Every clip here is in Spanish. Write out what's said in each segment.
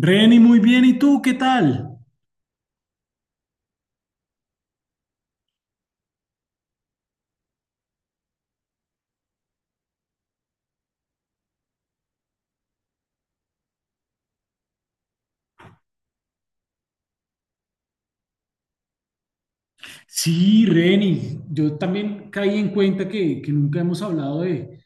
Reni, muy bien. ¿Y tú qué tal? Sí, Reni, yo también caí en cuenta que nunca hemos hablado de,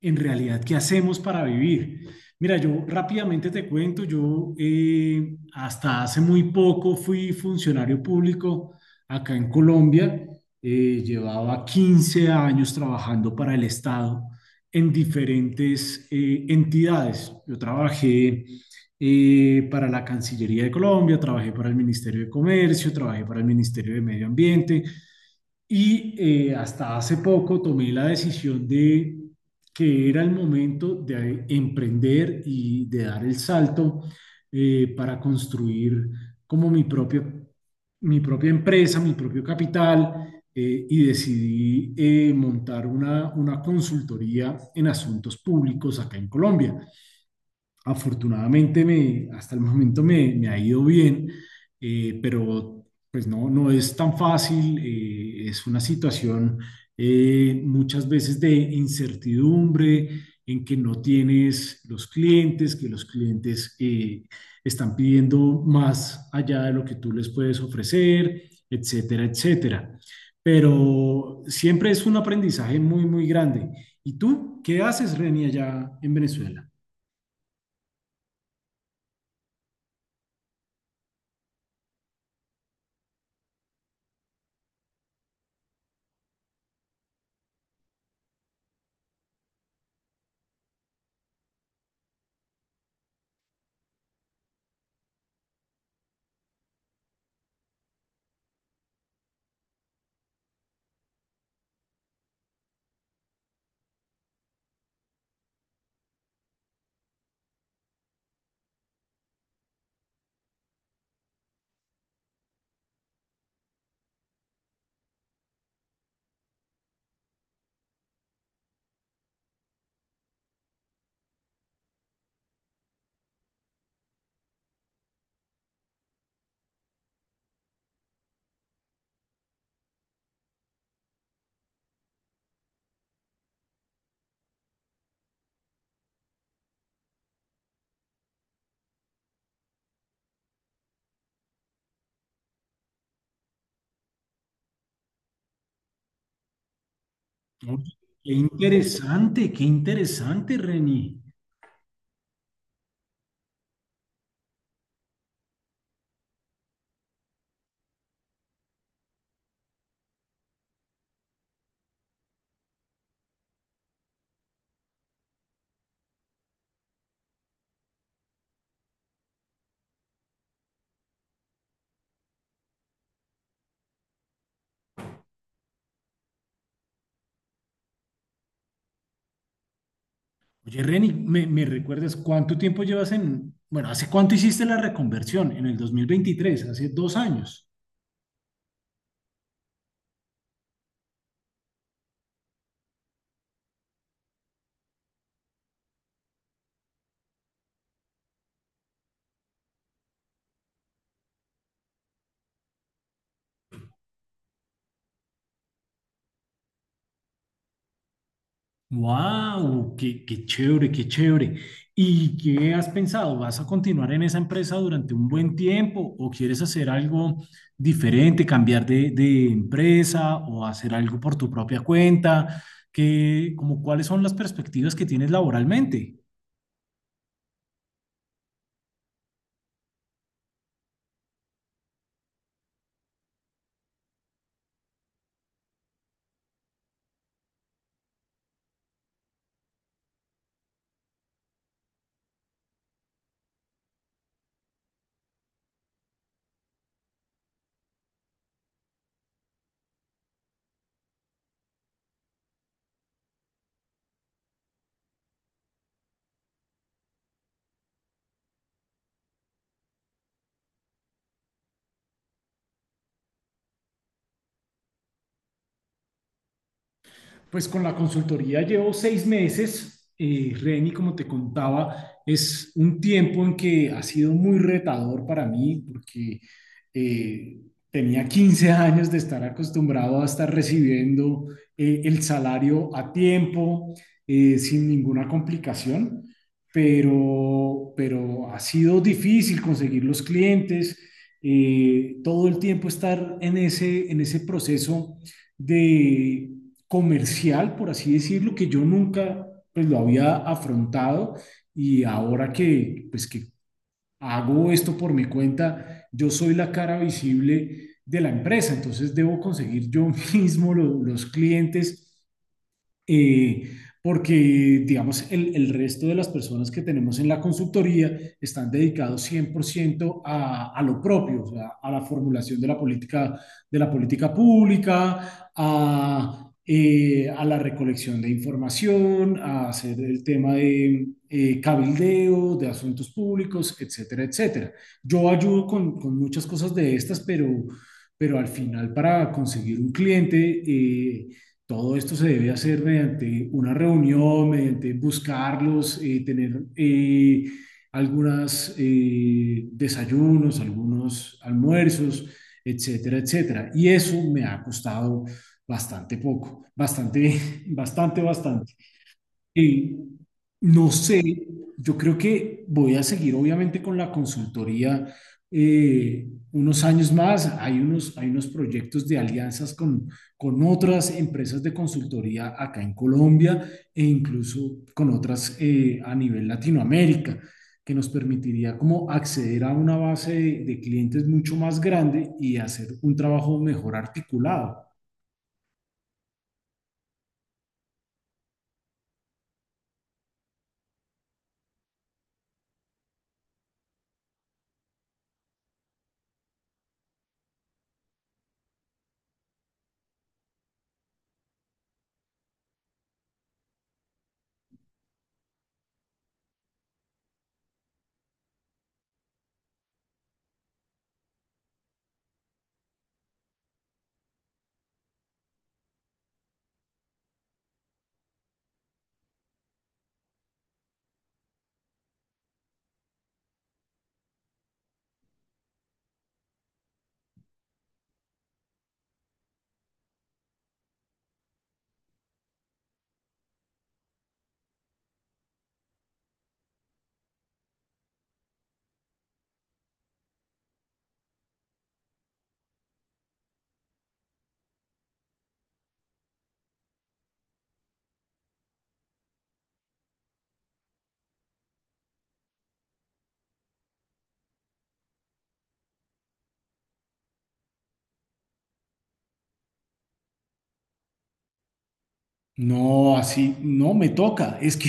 en realidad, qué hacemos para vivir. Mira, yo rápidamente te cuento. Yo hasta hace muy poco fui funcionario público acá en Colombia. Llevaba 15 años trabajando para el Estado en diferentes entidades. Yo trabajé para la Cancillería de Colombia, trabajé para el Ministerio de Comercio, trabajé para el Ministerio de Medio Ambiente y hasta hace poco tomé la decisión de que era el momento de emprender y de dar el salto para construir como mi propia empresa, mi propio capital. Y decidí montar una consultoría en asuntos públicos acá en Colombia. Afortunadamente, hasta el momento me ha ido bien, pero pues no es tan fácil. Es una situación muchas veces de incertidumbre en que no tienes los clientes, que los clientes están pidiendo más allá de lo que tú les puedes ofrecer, etcétera, etcétera. Pero siempre es un aprendizaje muy, muy grande. ¿Y tú qué haces, Reni, allá en Venezuela? Oye, qué interesante, Reni. Oye, Reni, ¿me recuerdas cuánto tiempo llevas? Bueno, ¿hace cuánto hiciste la reconversión? En el 2023, hace 2 años. ¡Wow! ¡Qué chévere, qué chévere! ¿Y qué has pensado? ¿Vas a continuar en esa empresa durante un buen tiempo o quieres hacer algo diferente, cambiar de empresa o hacer algo por tu propia cuenta? ¿Qué, como, ¿cuáles son las perspectivas que tienes laboralmente? Pues con la consultoría llevo 6 meses. Reni, como te contaba, es un tiempo en que ha sido muy retador para mí porque eh, tenía 15 años de estar acostumbrado a estar recibiendo el salario a tiempo, sin ninguna complicación, pero ha sido difícil conseguir los clientes, todo el tiempo estar en ese proceso de comercial, por así decirlo, que yo nunca, pues, lo había afrontado. Y ahora que, pues, que hago esto por mi cuenta, yo soy la cara visible de la empresa, entonces debo conseguir yo mismo los clientes, eh, porque, digamos, el resto de las personas que tenemos en la consultoría están dedicados 100% a lo propio, o sea, a la formulación de la política pública, a la recolección de información, a hacer el tema de cabildeo, de asuntos públicos, etcétera, etcétera. Yo ayudo con muchas cosas de estas, pero al final, para conseguir un cliente, todo esto se debe hacer mediante una reunión, mediante buscarlos, tener algunos desayunos, algunos almuerzos, etcétera, etcétera. Y eso me ha costado bastante poco, bastante, bastante, bastante. Eh, no sé, yo creo que voy a seguir obviamente con la consultoría eh, unos años más. Hay unos proyectos de alianzas con otras empresas de consultoría acá en Colombia e incluso con otras, a nivel Latinoamérica, que nos permitiría como acceder a una base de clientes mucho más grande y hacer un trabajo mejor articulado. No, así no me toca. Es que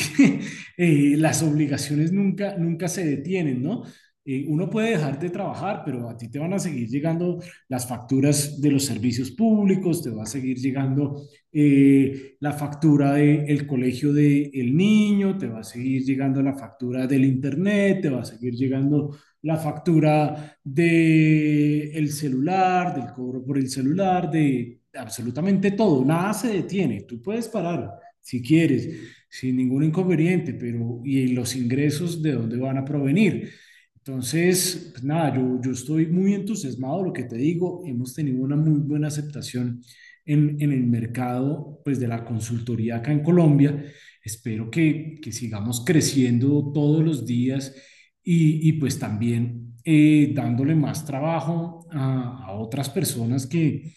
las obligaciones nunca, nunca se detienen, ¿no? Uno puede dejar de trabajar, pero a ti te van a seguir llegando las facturas de los servicios públicos, te va a seguir llegando la factura del colegio del niño, te va a seguir llegando la factura del internet, te va a seguir llegando la factura de el celular, del cobro por el celular, de absolutamente todo. Nada se detiene. Tú puedes parar si quieres, sin ningún inconveniente, pero ¿y los ingresos de dónde van a provenir? Entonces, pues nada, yo estoy muy entusiasmado. Lo que te digo, hemos tenido una muy buena aceptación en el mercado, pues, de la consultoría acá en Colombia. Espero que sigamos creciendo todos los días y pues también dándole más trabajo a otras personas que,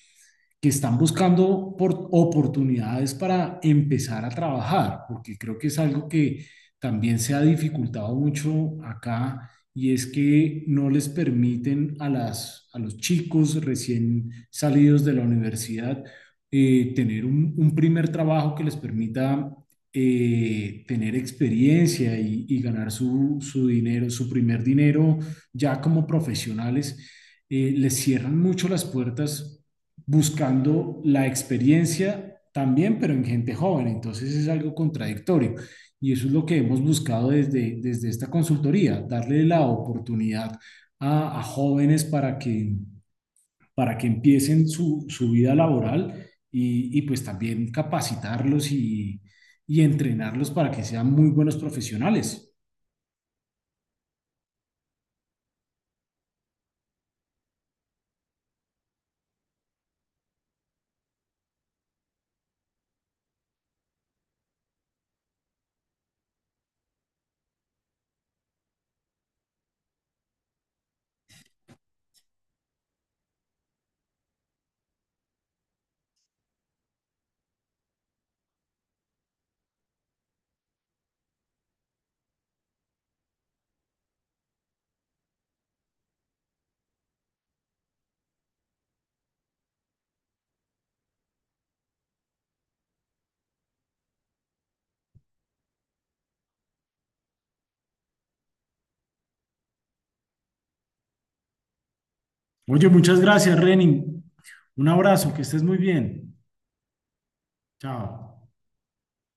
que están buscando por oportunidades para empezar a trabajar, porque creo que es algo que también se ha dificultado mucho acá, y es que no les permiten a, las, a los chicos recién salidos de la universidad tener un primer trabajo que les permita tener experiencia y ganar su primer dinero ya como profesionales. Les cierran mucho las puertas buscando la experiencia también, pero en gente joven. Entonces es algo contradictorio. Y eso es lo que hemos buscado desde esta consultoría: darle la oportunidad a jóvenes para que empiecen su vida laboral pues también capacitarlos y entrenarlos para que sean muy buenos profesionales. Oye, muchas gracias, Renin. Un abrazo, que estés muy bien. Chao.